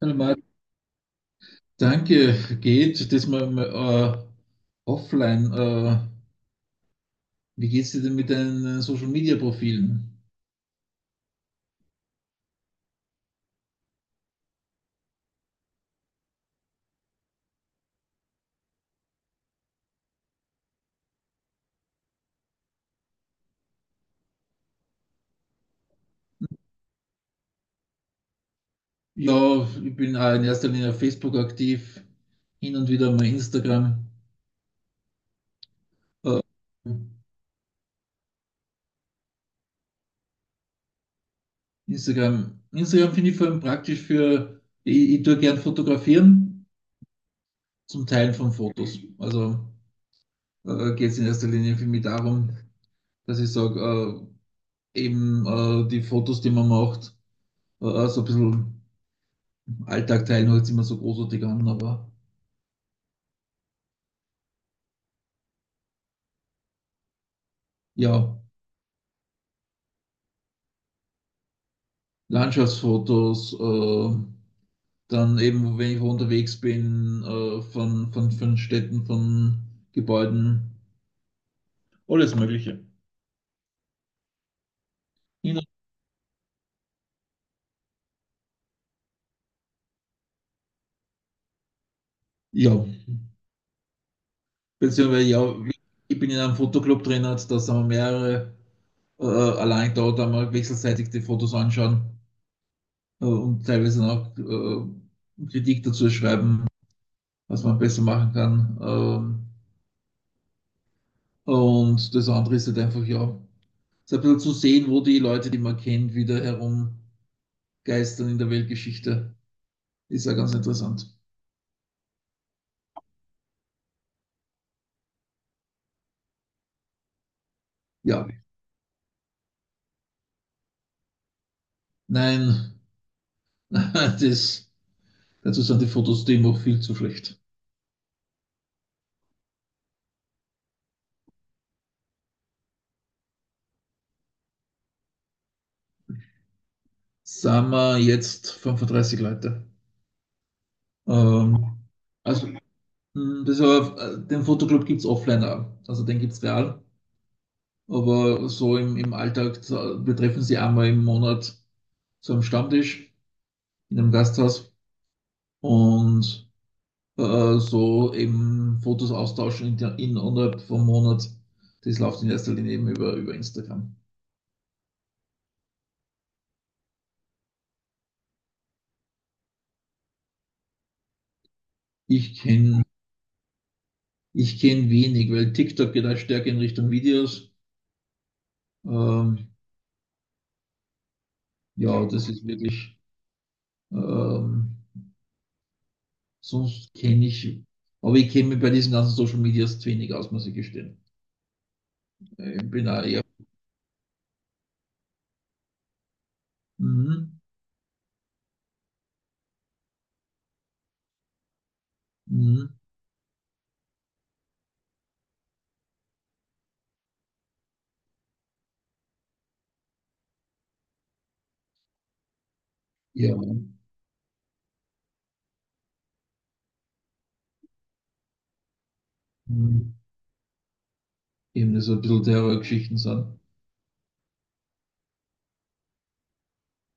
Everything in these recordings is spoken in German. Hallo Marc, danke. Geht das mal, offline? Wie geht's dir denn mit deinen Social Media Profilen? Ja, ich bin auch in erster Linie auf Facebook aktiv, hin und wieder mal Instagram. Äh, Instagram, Instagram finde ich vor allem praktisch für, ich tue gern fotografieren, zum Teilen von Fotos. Also geht es in erster Linie für mich darum, dass ich sage, eben die Fotos, die man macht, so ein bisschen. Alltag teilen hört sich immer so großartig an, aber ja, Landschaftsfotos, dann eben, wenn ich unterwegs bin, äh, von Städten, von Gebäuden, alles Mögliche. Ja, beziehungsweise ja, ich bin in einem Fotoclub drin, also da sind wir mehrere, allein da mal wechselseitig die Fotos anschauen und teilweise auch Kritik dazu schreiben, was man besser machen kann. Und das andere ist halt einfach, ja, so ein bisschen zu sehen, wo die Leute, die man kennt, wieder herumgeistern in der Weltgeschichte. Ist ja ganz interessant. Ja, nein, das, dazu sind die Fotos die immer viel zu schlecht. Sagen wir jetzt 35 Leute. Ähm, also, das aber, den Fotoclub gibt es offline auch. Also, den gibt es real. Aber so im Alltag, wir treffen sie einmal im Monat zu einem Stammtisch in einem Gasthaus und so eben Fotos austauschen in, innerhalb vom Monat. Das läuft in erster Linie eben über Instagram. Ich kenne ich kenn wenig, weil TikTok geht auch stärker in Richtung Videos. Ähm, ja, das ist wirklich, ähm, sonst kenne ich, aber ich kenne mich bei diesen ganzen Social Medias zu wenig aus, muss ich gestehen. Ich bin auch eher, mhm, mhm, ja, mhm, eben das so ein bisschen Terrorgeschichten sind.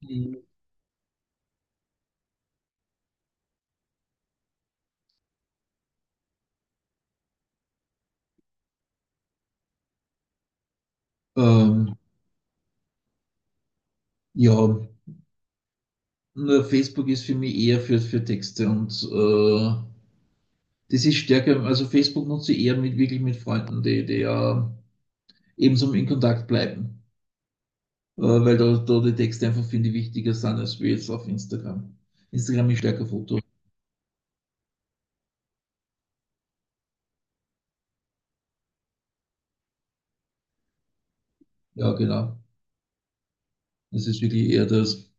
Mhm. Ähm, ja, nur Facebook ist für mich eher für Texte und das ist stärker, also Facebook nutze ich eher mit wirklich mit Freunden, die, die ja ebenso in Kontakt bleiben. Weil da die Texte einfach finde ich wichtiger sind als wir jetzt auf Instagram. Instagram ist stärker Foto. Ja, genau. Das ist wirklich eher das.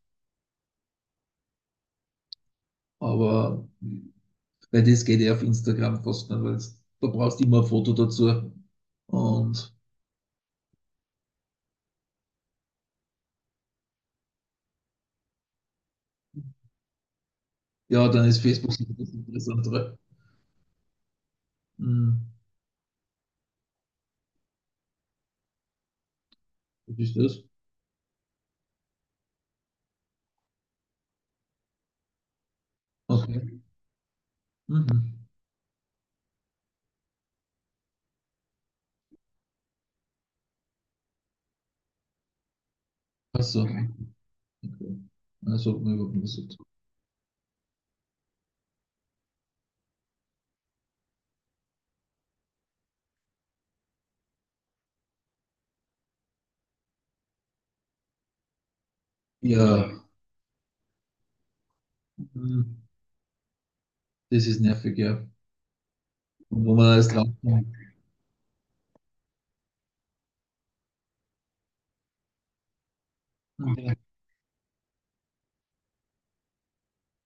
Aber weil das geht ja auf Instagram fast nicht, weil da brauchst du immer ein Foto dazu. Und ja, dann ist Facebook sicher das Interessantere. Hm, was ist das? Okay. Mhm. Ach so. Okay. Also ja, hm, das ist nervig, ja. Und wo man alles drauf kommt. Ja,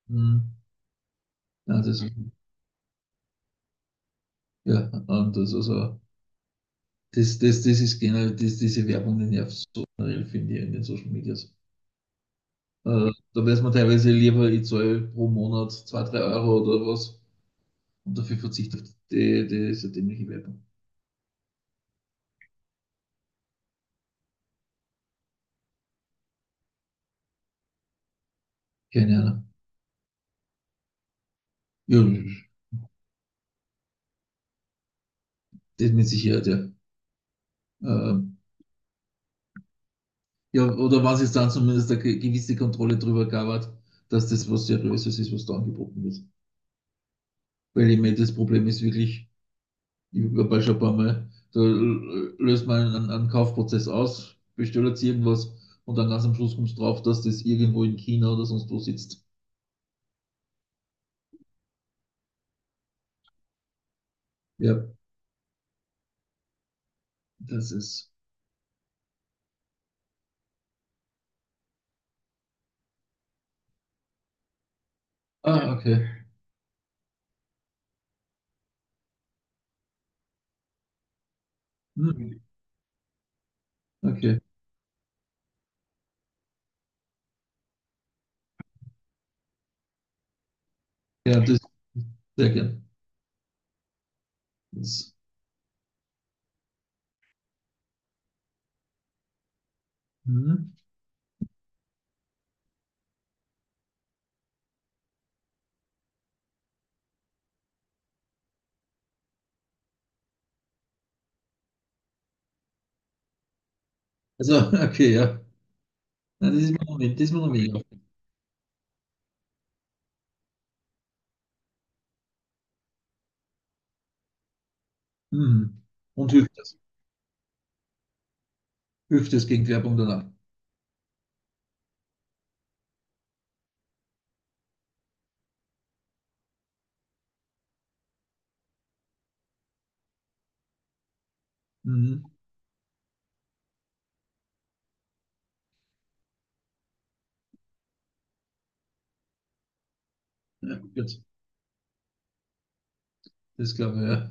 hm, ja, das ja, anders. Also, das ist generell, das, diese Werbung, die nervt so generell, finde ich, in den Social Medias. Da weiß man teilweise lieber, ich zahle pro Monat 2 3 Euro oder was und dafür verzichte auf diese dämliche Werbung. Keine Ahnung. Ja, das mit Sicherheit, ja. Äh, Ja, oder was es dann zumindest eine gewisse Kontrolle drüber gab, hat, dass das was Seriöses ist, was da angeboten wird. Weil ich meine, das Problem ist wirklich, ich habe schon ein paar Mal, da löst man einen Kaufprozess aus, bestellt jetzt irgendwas und dann ganz am Schluss kommst du drauf, dass das irgendwo in China oder sonst wo sitzt. Ja, das ist. Ah, okay. Hm, okay. Ja, das sehr gern. Das, hm. Also, okay, ja. Na, das ist mir noch, das ist mir noch weniger aufgefallen. Hm. Und hilft das? Hilft das gegen Werbung danach? Mhm. Ja, gut, das glaube ich, ja.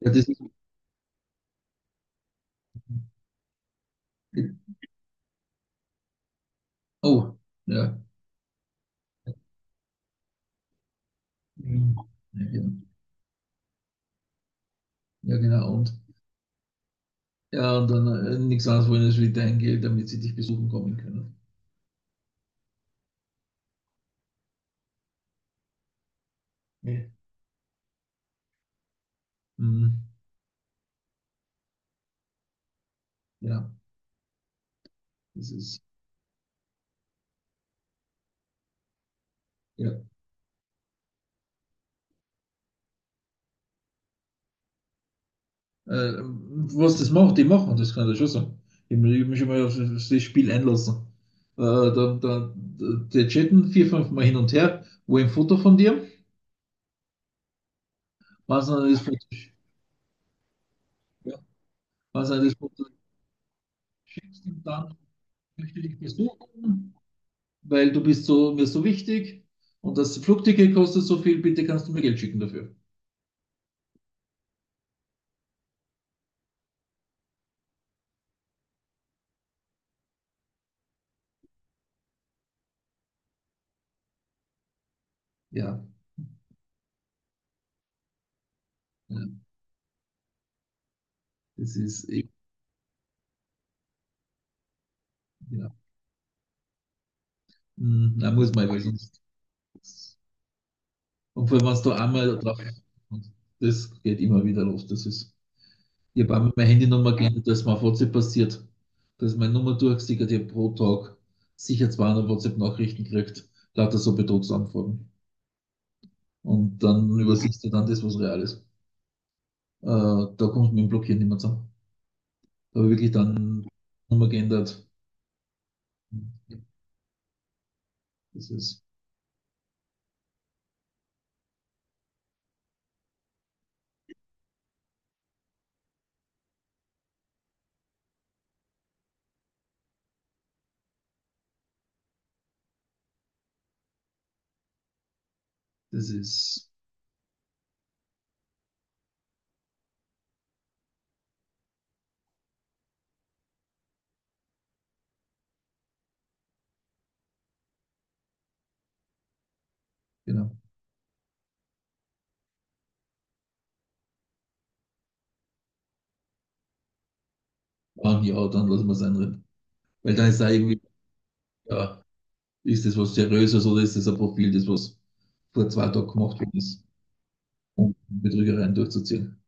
Ja, das ist, oh, ja. Mhm. Ja, genau. Ja, genau. Und ja, und dann nichts anderes wollen als wie dein Geld, damit sie dich besuchen kommen können. Ja. Mhm. Ja, das ist, ja. Was das macht, die machen, das kann ich schon sagen. Ich hab mich schon mal auf das Spiel einlassen. Die chatten vier, fünf Mal hin und her, wo ein Foto von dir, was dann das Foto, ja, was dann das Foto schickst und dann möchte ich dich besuchen, weil du bist so, mir so wichtig und das Flugticket kostet so viel, bitte kannst du mir Geld schicken dafür. Ja, ja das ist eben, ja. Hm, na, muss man, weil sonst. Und vor allem, wenn du einmal drauf, und das geht immer wieder los. Das ist, ich habe einmal meine Handynummer geändert, dass mir auf WhatsApp passiert, dass meine Nummer durchgesickert, ich habe pro Tag sicher 200 WhatsApp-Nachrichten gekriegt, lauter so Betrugsanfragen. Und dann übersiehst du dann das, was real ist. Da kommt du mit dem Blockieren nicht mehr zusammen. Da habe ich wirklich dann Nummer geändert. Das ist, das ist, genau. Ah, ja, dann lassen wir es einreden. Weil dann ist da irgendwie, ja, ist das was Seriöses oder ist das ein Profil, das was vor 2 Tagen gemacht worden ist, um Betrügereien durchzuziehen?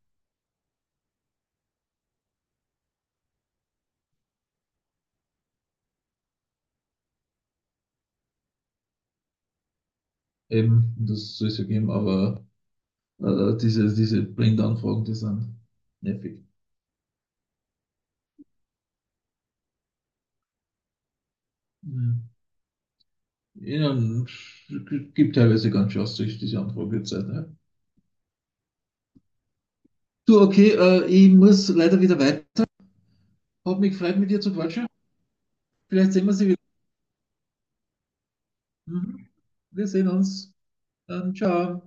Eben, das soll es ja geben, aber äh, diese Blindanfragen, die sind nervig. Mhm. Ja, gibt teilweise ganz schön Aussicht, diese Anfragezeit. Ne? Du, okay, ich muss leider wieder weiter. Hat mich gefreut, mit dir zu quatschen. Vielleicht sehen wir sie wieder. Mhm. Wir sehen uns. Dann ciao.